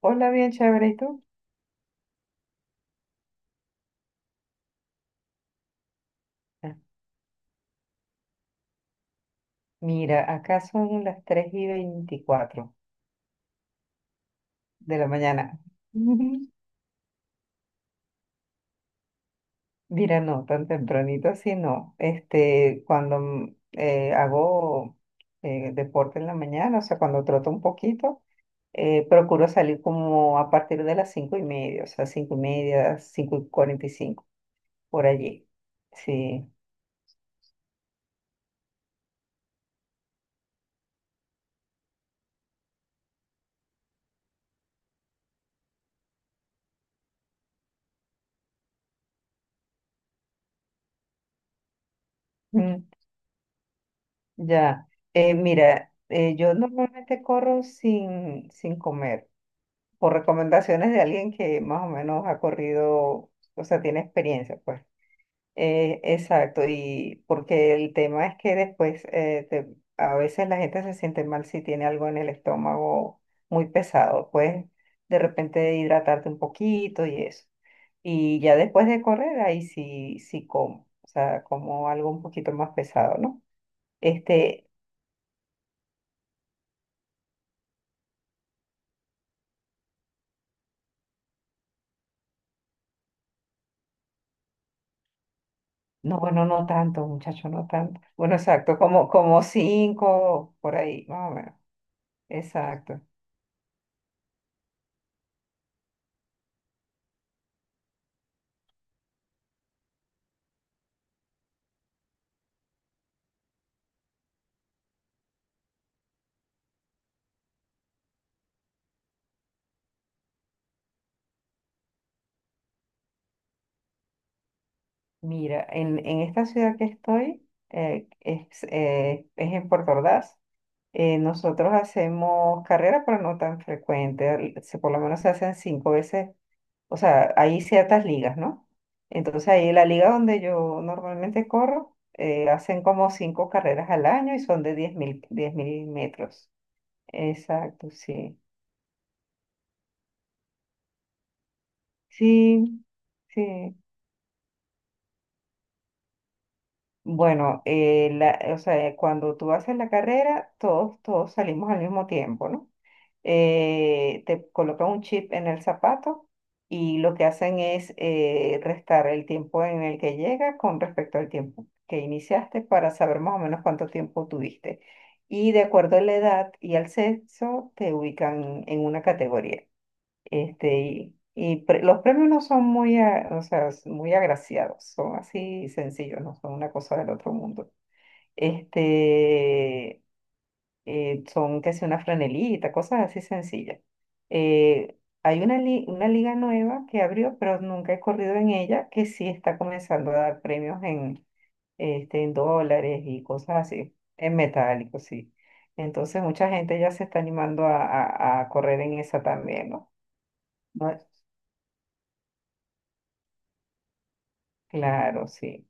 Hola, bien chévere, ¿y tú? Ah, mira, acá son las 3:24 de la mañana. Mira, no, tan tempranito así no. Este, cuando hago deporte en la mañana, o sea, cuando troto un poquito, procuro salir como a partir de las 5:30, o sea, 5:30, 5:45 por allí. Sí, mm, ya. Mira, yo normalmente corro sin comer. Por recomendaciones de alguien que más o menos ha corrido, o sea, tiene experiencia, pues. Exacto, y porque el tema es que después a veces la gente se siente mal si tiene algo en el estómago muy pesado, pues de repente hidratarte un poquito y eso. Y ya después de correr, ahí sí, sí como, o sea, como algo un poquito más pesado, ¿no? Este, no, bueno, no tanto, muchacho, no tanto. Bueno, exacto, como, como cinco, por ahí, más o menos. Exacto. Mira, en esta ciudad que estoy, es en Puerto Ordaz, nosotros hacemos carreras, pero no tan frecuentes, por lo menos se hacen cinco veces, o sea, hay ciertas ligas, ¿no? Entonces ahí la liga donde yo normalmente corro, hacen como cinco carreras al año y son de diez mil metros. Exacto, sí. Sí, sí. Bueno, o sea, cuando tú haces la carrera, todos salimos al mismo tiempo, ¿no? Te colocan un chip en el zapato y lo que hacen es restar el tiempo en el que llega con respecto al tiempo que iniciaste para saber más o menos cuánto tiempo tuviste. Y de acuerdo a la edad y al sexo, te ubican en una categoría. Este, los premios no son muy, o sea, muy agraciados, son así sencillos, no son una cosa del otro mundo. Este, son casi una franelita, cosas así sencillas. Eh, hay una liga nueva que abrió, pero nunca he corrido en ella, que sí está comenzando a dar premios en, en dólares y cosas así, en metálico, sí. Entonces mucha gente ya se está animando a correr en esa también, ¿No? Claro, sí.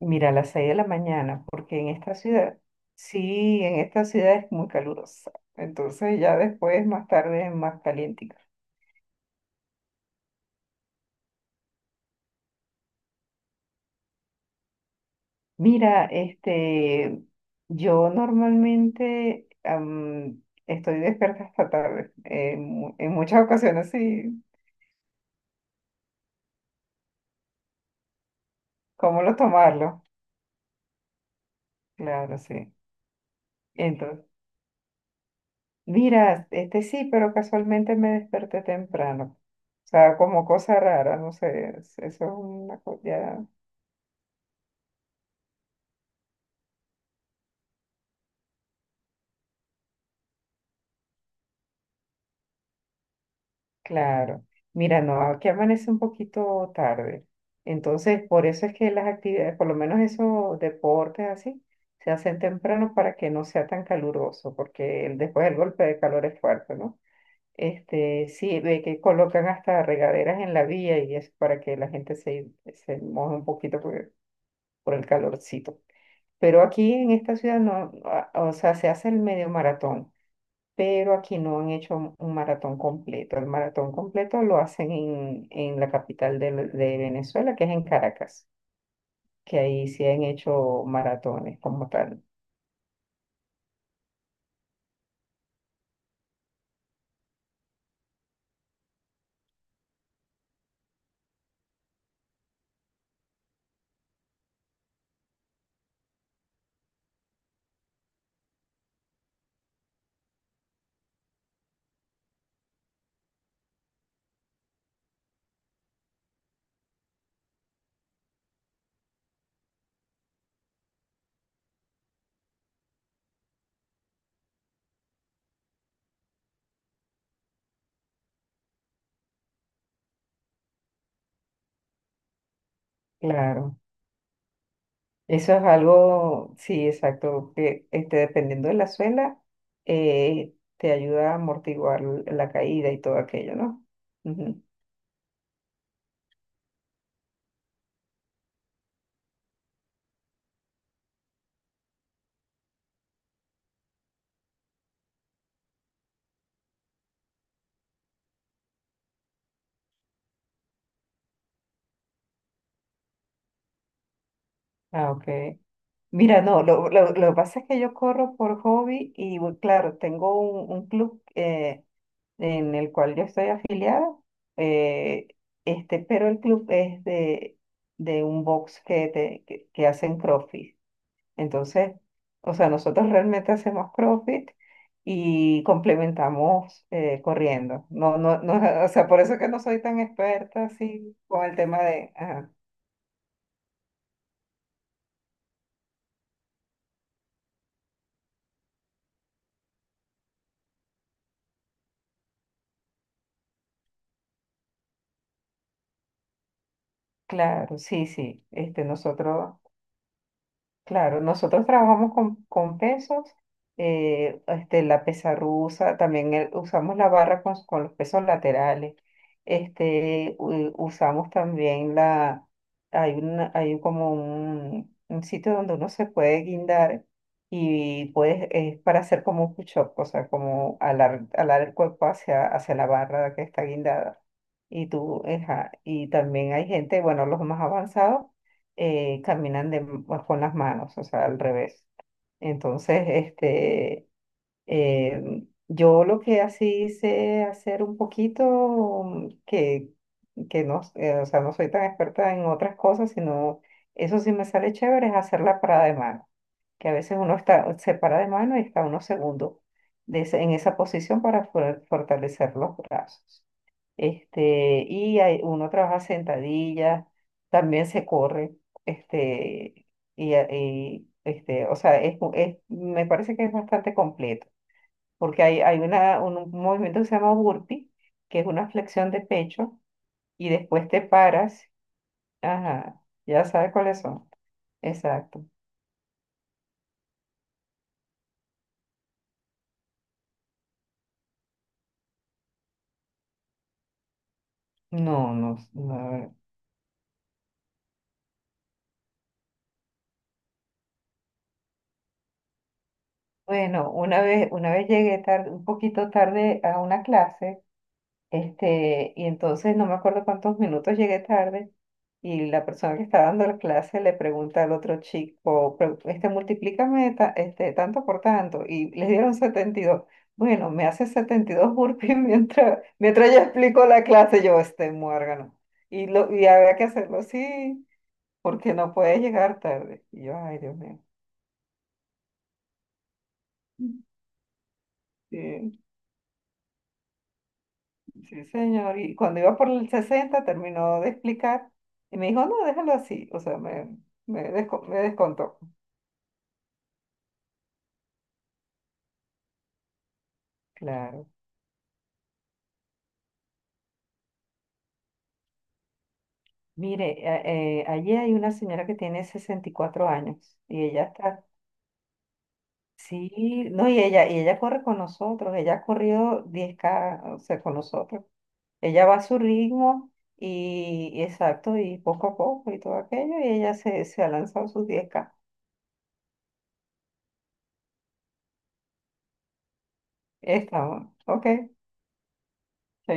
Mira, a las 6 de la mañana, porque en esta ciudad, sí, en esta ciudad es muy calurosa. Entonces ya después, más tarde, es más caliente. Mira, este, yo normalmente estoy despierta hasta tarde. En muchas ocasiones, sí. ¿Cómo lo tomarlo? Claro, sí. Entonces, mira, este sí, pero casualmente me desperté temprano. O sea, como cosa rara, no sé, eso es una cosa. Claro. Mira, no, aquí amanece un poquito tarde. Entonces, por eso es que las actividades, por lo menos esos deportes así, se hacen temprano para que no sea tan caluroso, porque después el golpe de calor es fuerte, ¿no? Este, sí, ve que colocan hasta regaderas en la vía y es para que la gente se moje un poquito por el calorcito. Pero aquí en esta ciudad no, no, o sea, se hace el medio maratón, pero aquí no han hecho un maratón completo. El maratón completo lo hacen en la capital de Venezuela, que es en Caracas, que ahí sí han hecho maratones como tal. Claro, eso es algo, sí, exacto, que este, dependiendo de la suela, te ayuda a amortiguar la caída y todo aquello, ¿no? Ujú. Ah, ok. Mira, no, lo que pasa es que yo corro por hobby y, bueno, claro, tengo un club, en el cual yo estoy afiliada, eh, este, pero el club es de un box que hacen CrossFit. Entonces, o sea, nosotros realmente hacemos CrossFit y complementamos corriendo. No, no, no, o sea, por eso que no soy tan experta así con el tema de... Ajá. Claro, sí, sí. Este, nosotros. Claro, nosotros trabajamos con pesos, este, la pesa rusa, también usamos la barra con los pesos laterales, este, usamos también hay como un sitio donde uno se puede guindar y puedes, es para hacer como un push-up, o sea, como alar, alar el cuerpo hacia, hacia la barra que está guindada. Y tú, ajá, y también hay gente, bueno, los más avanzados caminan con las manos, o sea, al revés. Entonces, este, yo lo que así sé hacer un poquito, que no, o sea, no soy tan experta en otras cosas, sino eso sí me sale chévere, es hacer la parada de mano, que a veces uno está, se para de mano y está unos segundos en esa posición para fortalecer los brazos. Este, y uno trabaja sentadillas, también se corre, este, este, o sea, me parece que es bastante completo, porque hay un movimiento que se llama burpee, que es una flexión de pecho, y después te paras, ajá, ya sabes cuáles son, exacto. No, no, no. No. Bueno, una vez llegué tarde, un poquito tarde a una clase. Este, y entonces no me acuerdo cuántos minutos llegué tarde y la persona que estaba dando la clase le pregunta al otro chico: Este, multiplícame este, tanto por tanto", y le dieron 72. Bueno, me hace 72 burpees mientras yo explico la clase, yo este muérgano. Y había que hacerlo así porque no puede llegar tarde. Y yo, ay, Dios mío. Sí. Sí, señor. Y cuando iba por el 60 terminó de explicar y me dijo, no, déjalo así. O sea, me descontó. Claro. Mire, allí hay una señora que tiene 64 años y ella está, sí, no, y ella corre con nosotros, ella ha corrido 10K, o sea, con nosotros. Ella va a su ritmo y exacto, y poco a poco y todo aquello, y ella se ha lanzado sus 10K. Está, bueno. Ok, chaito.